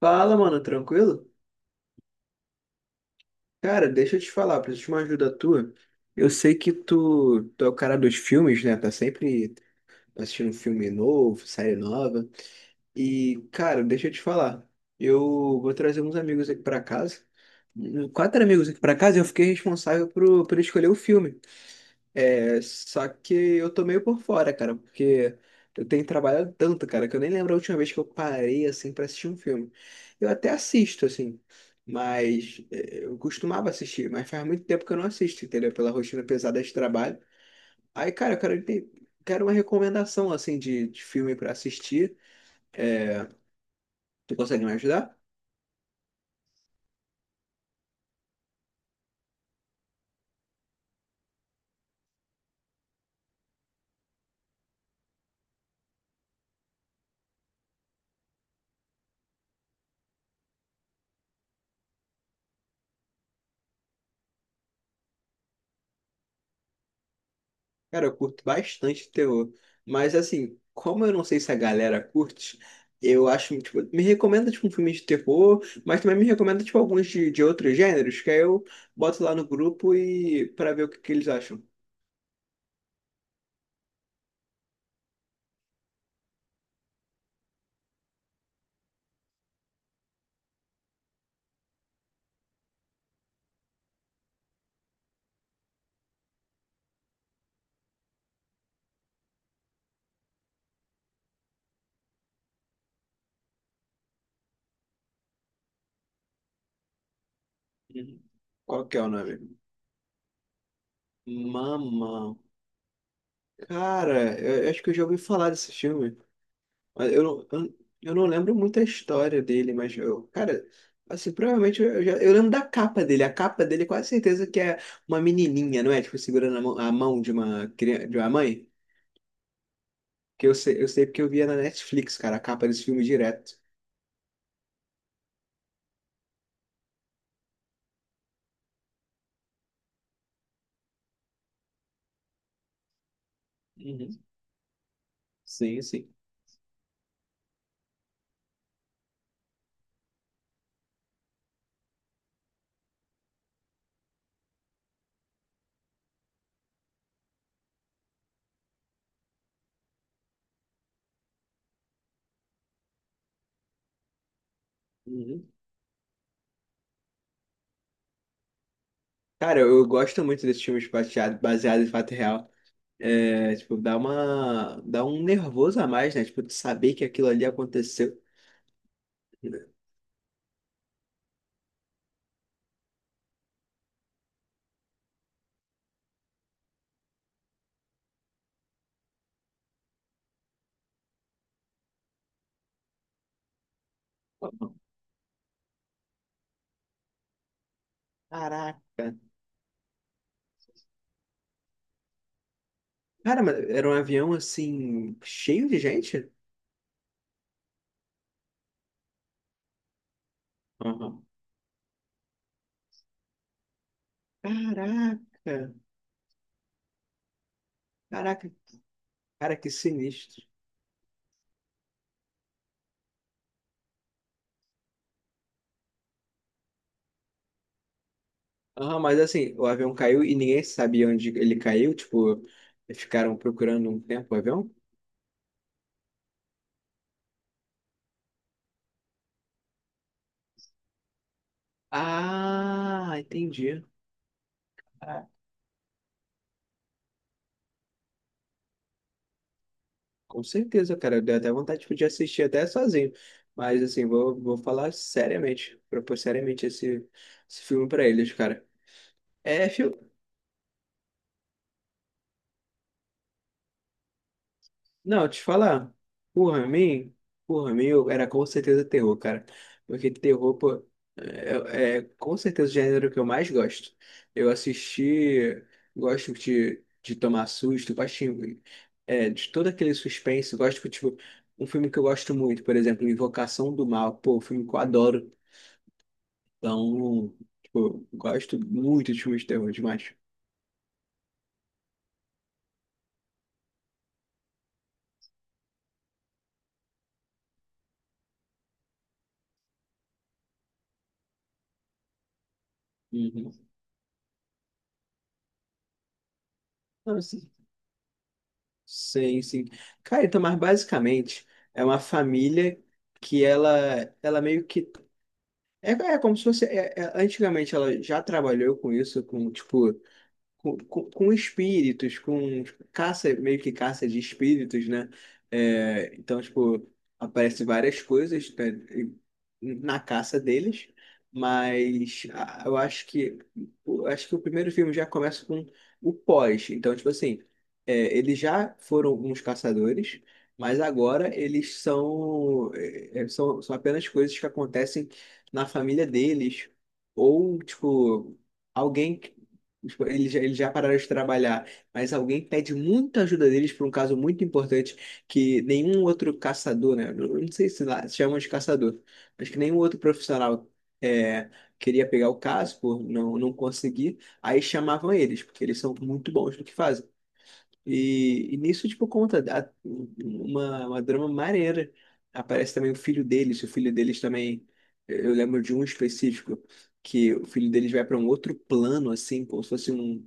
Fala, mano, tranquilo? Cara, deixa eu te falar, preciso de uma ajuda tua. Eu sei que tu é o cara dos filmes, né? Tá sempre assistindo filme novo, série nova. E, cara, deixa eu te falar. Eu vou trazer uns amigos aqui pra casa. Quatro amigos aqui pra casa e eu fiquei responsável por escolher o filme. É, só que eu tô meio por fora, cara, porque eu tenho trabalhado tanto, cara, que eu nem lembro a última vez que eu parei, assim, pra assistir um filme. Eu até assisto, assim, mas é, eu costumava assistir, mas faz muito tempo que eu não assisto, entendeu? Pela rotina pesada de trabalho. Aí, cara, eu quero, quero uma recomendação, assim, de filme pra assistir. Tu consegue me ajudar? Cara, eu curto bastante terror. Mas assim, como eu não sei se a galera curte, eu acho, tipo, me recomenda tipo um filme de terror, mas também me recomenda tipo alguns de outros gêneros, que aí eu boto lá no grupo e para ver o que eles acham. Uhum. Qual que é o nome? Mama. Cara, eu acho que eu já ouvi falar desse filme. Mas eu não lembro muito a história dele, mas eu, cara, assim, provavelmente eu lembro da capa dele. A capa dele, quase certeza que é uma menininha, não é? Tipo, segurando a mão de uma criança, de uma mãe. Que eu sei porque eu via na Netflix, cara, a capa desse filme direto. Uhum. Sim, sim. Uhum. Cara, eu gosto muito desses filmes baseado em fato real. É, tipo, dá uma, dá um nervoso a mais, né? Tipo, de saber que aquilo ali aconteceu. Caraca. Cara, mas era um avião assim, cheio de gente? Aham. Caraca, caraca, cara, que sinistro. Aham, mas assim, o avião caiu e ninguém sabia onde ele caiu, tipo, ficaram procurando um tempo o avião? Ah, entendi. Ah, com certeza, cara, deu até vontade, tipo, de assistir até sozinho. Mas assim, vou falar seriamente, propor seriamente esse, esse filme pra eles, cara. É, fi- Não, te falar, por mim, por mim era com certeza terror, cara. Porque terror, pô, é com certeza o gênero que eu mais gosto. Eu assisti, gosto de tomar susto, gosto de, de todo aquele suspense, gosto, de tipo, um filme que eu gosto muito, por exemplo, Invocação do Mal, pô, um filme que eu adoro. Então, tipo, gosto muito de filmes de terror demais. Uhum. Não, Sim, sim. Cara, então, mas basicamente é uma família que ela meio que. É, é como se fosse. Antigamente ela já trabalhou com isso, com, tipo, com espíritos, com caça, meio que caça de espíritos, né? É, então, tipo, aparece várias coisas, né, na caça deles, mas a- eu acho que eu acho que o primeiro filme já começa com o pós. Então, tipo assim, é, eles já foram uns caçadores, mas agora eles são, são, são apenas coisas que acontecem na família deles, ou, tipo, alguém. Tipo, eles já pararam de trabalhar, mas alguém pede muita ajuda deles para um caso muito importante que nenhum outro caçador, né? eu Não sei se lá se chamam de caçador, mas que nenhum outro profissional é, queria pegar o caso por não conseguir, aí chamavam eles, porque eles são muito bons no que fazem. E nisso, tipo, uma drama maneira. Aparece também o filho deles também. Eu lembro de um específico que o filho deles vai para um outro plano, assim, como se fosse um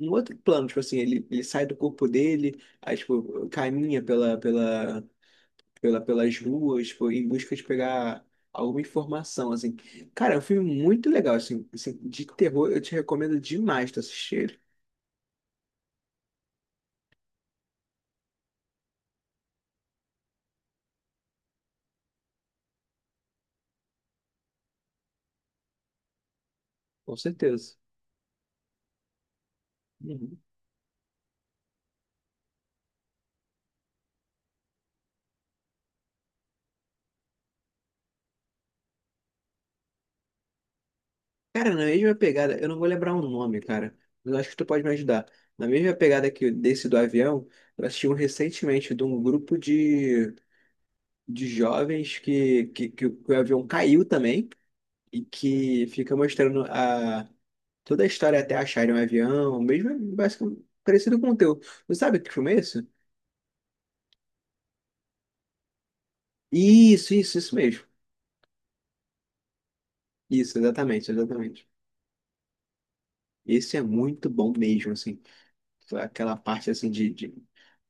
em outro plano, tipo assim, ele sai do corpo dele, aí, tipo, caminha pelas ruas, tipo, em busca de pegar alguma informação, assim. Cara, é um filme muito legal, assim, assim, de terror, eu te recomendo demais tu assistir ele, com certeza. Uhum. Cara, na mesma pegada, eu não vou lembrar o nome, cara, mas eu acho que tu pode me ajudar. Na mesma pegada que desse do avião, eu assisti um recentemente de um grupo de jovens que o que o avião caiu também. E que fica mostrando a, toda a história até acharem um avião, mesmo basicamente parecido com o teu. Não sabe que filme é isso? Isso mesmo. Isso, exatamente, exatamente. Esse é muito bom mesmo, assim. Aquela parte assim de, de,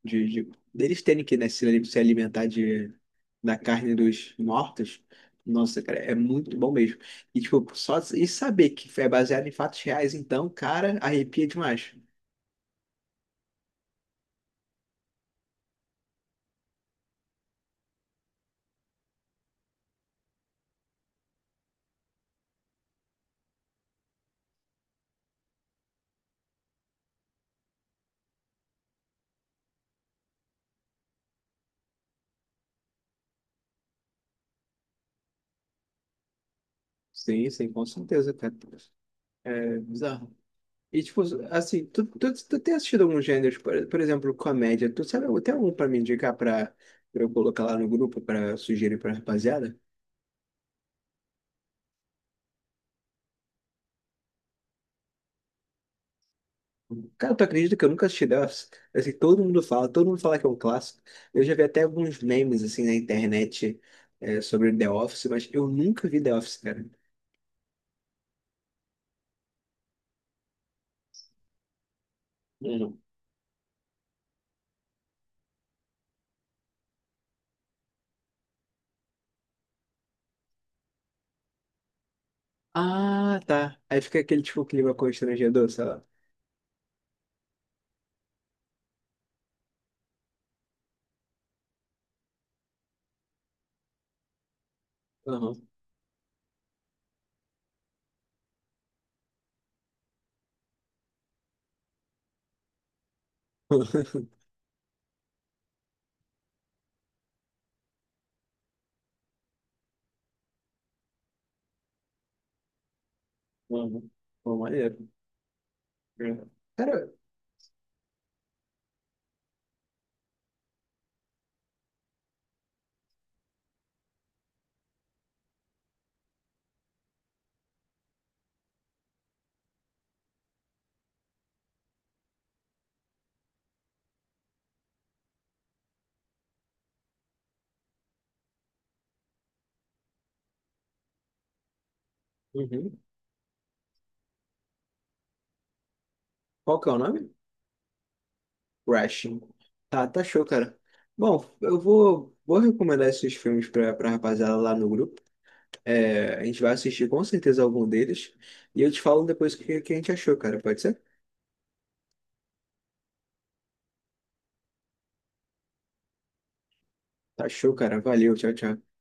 de, de- deles terem que, né, se alimentar de, da carne dos mortos. Nossa, cara, é muito bom mesmo. E tipo, só e saber que é baseado em fatos reais, então, cara, arrepia demais. Sim, sim, com certeza, cara. É bizarro. E, tipo, assim, tu tem assistido alguns gêneros, por exemplo, comédia. Tu sabe, tem algum pra me indicar pra, pra eu colocar lá no grupo pra sugerir pra rapaziada? Cara, tu acredita que eu nunca assisti Delphi? Assim, todo mundo fala que é um clássico. Eu já vi até alguns memes, assim, na internet é, sobre The Office, mas eu nunca vi The Office, cara. Uhum. Ah, tá. Aí fica aquele, tipo, clima constrangedor, sei lá. Aham. Uhum. Uhum. Pô, maneiro. É. Cara, uhum. Qual que é o nome? Rushing. Tá, tá show, cara. Bom, vou recomendar esses filmes pra, pra rapaziada lá no grupo. É, a gente vai assistir com certeza algum deles. E eu te falo depois o que a gente achou, cara. Pode ser? Tá show, cara. Valeu, tchau, tchau.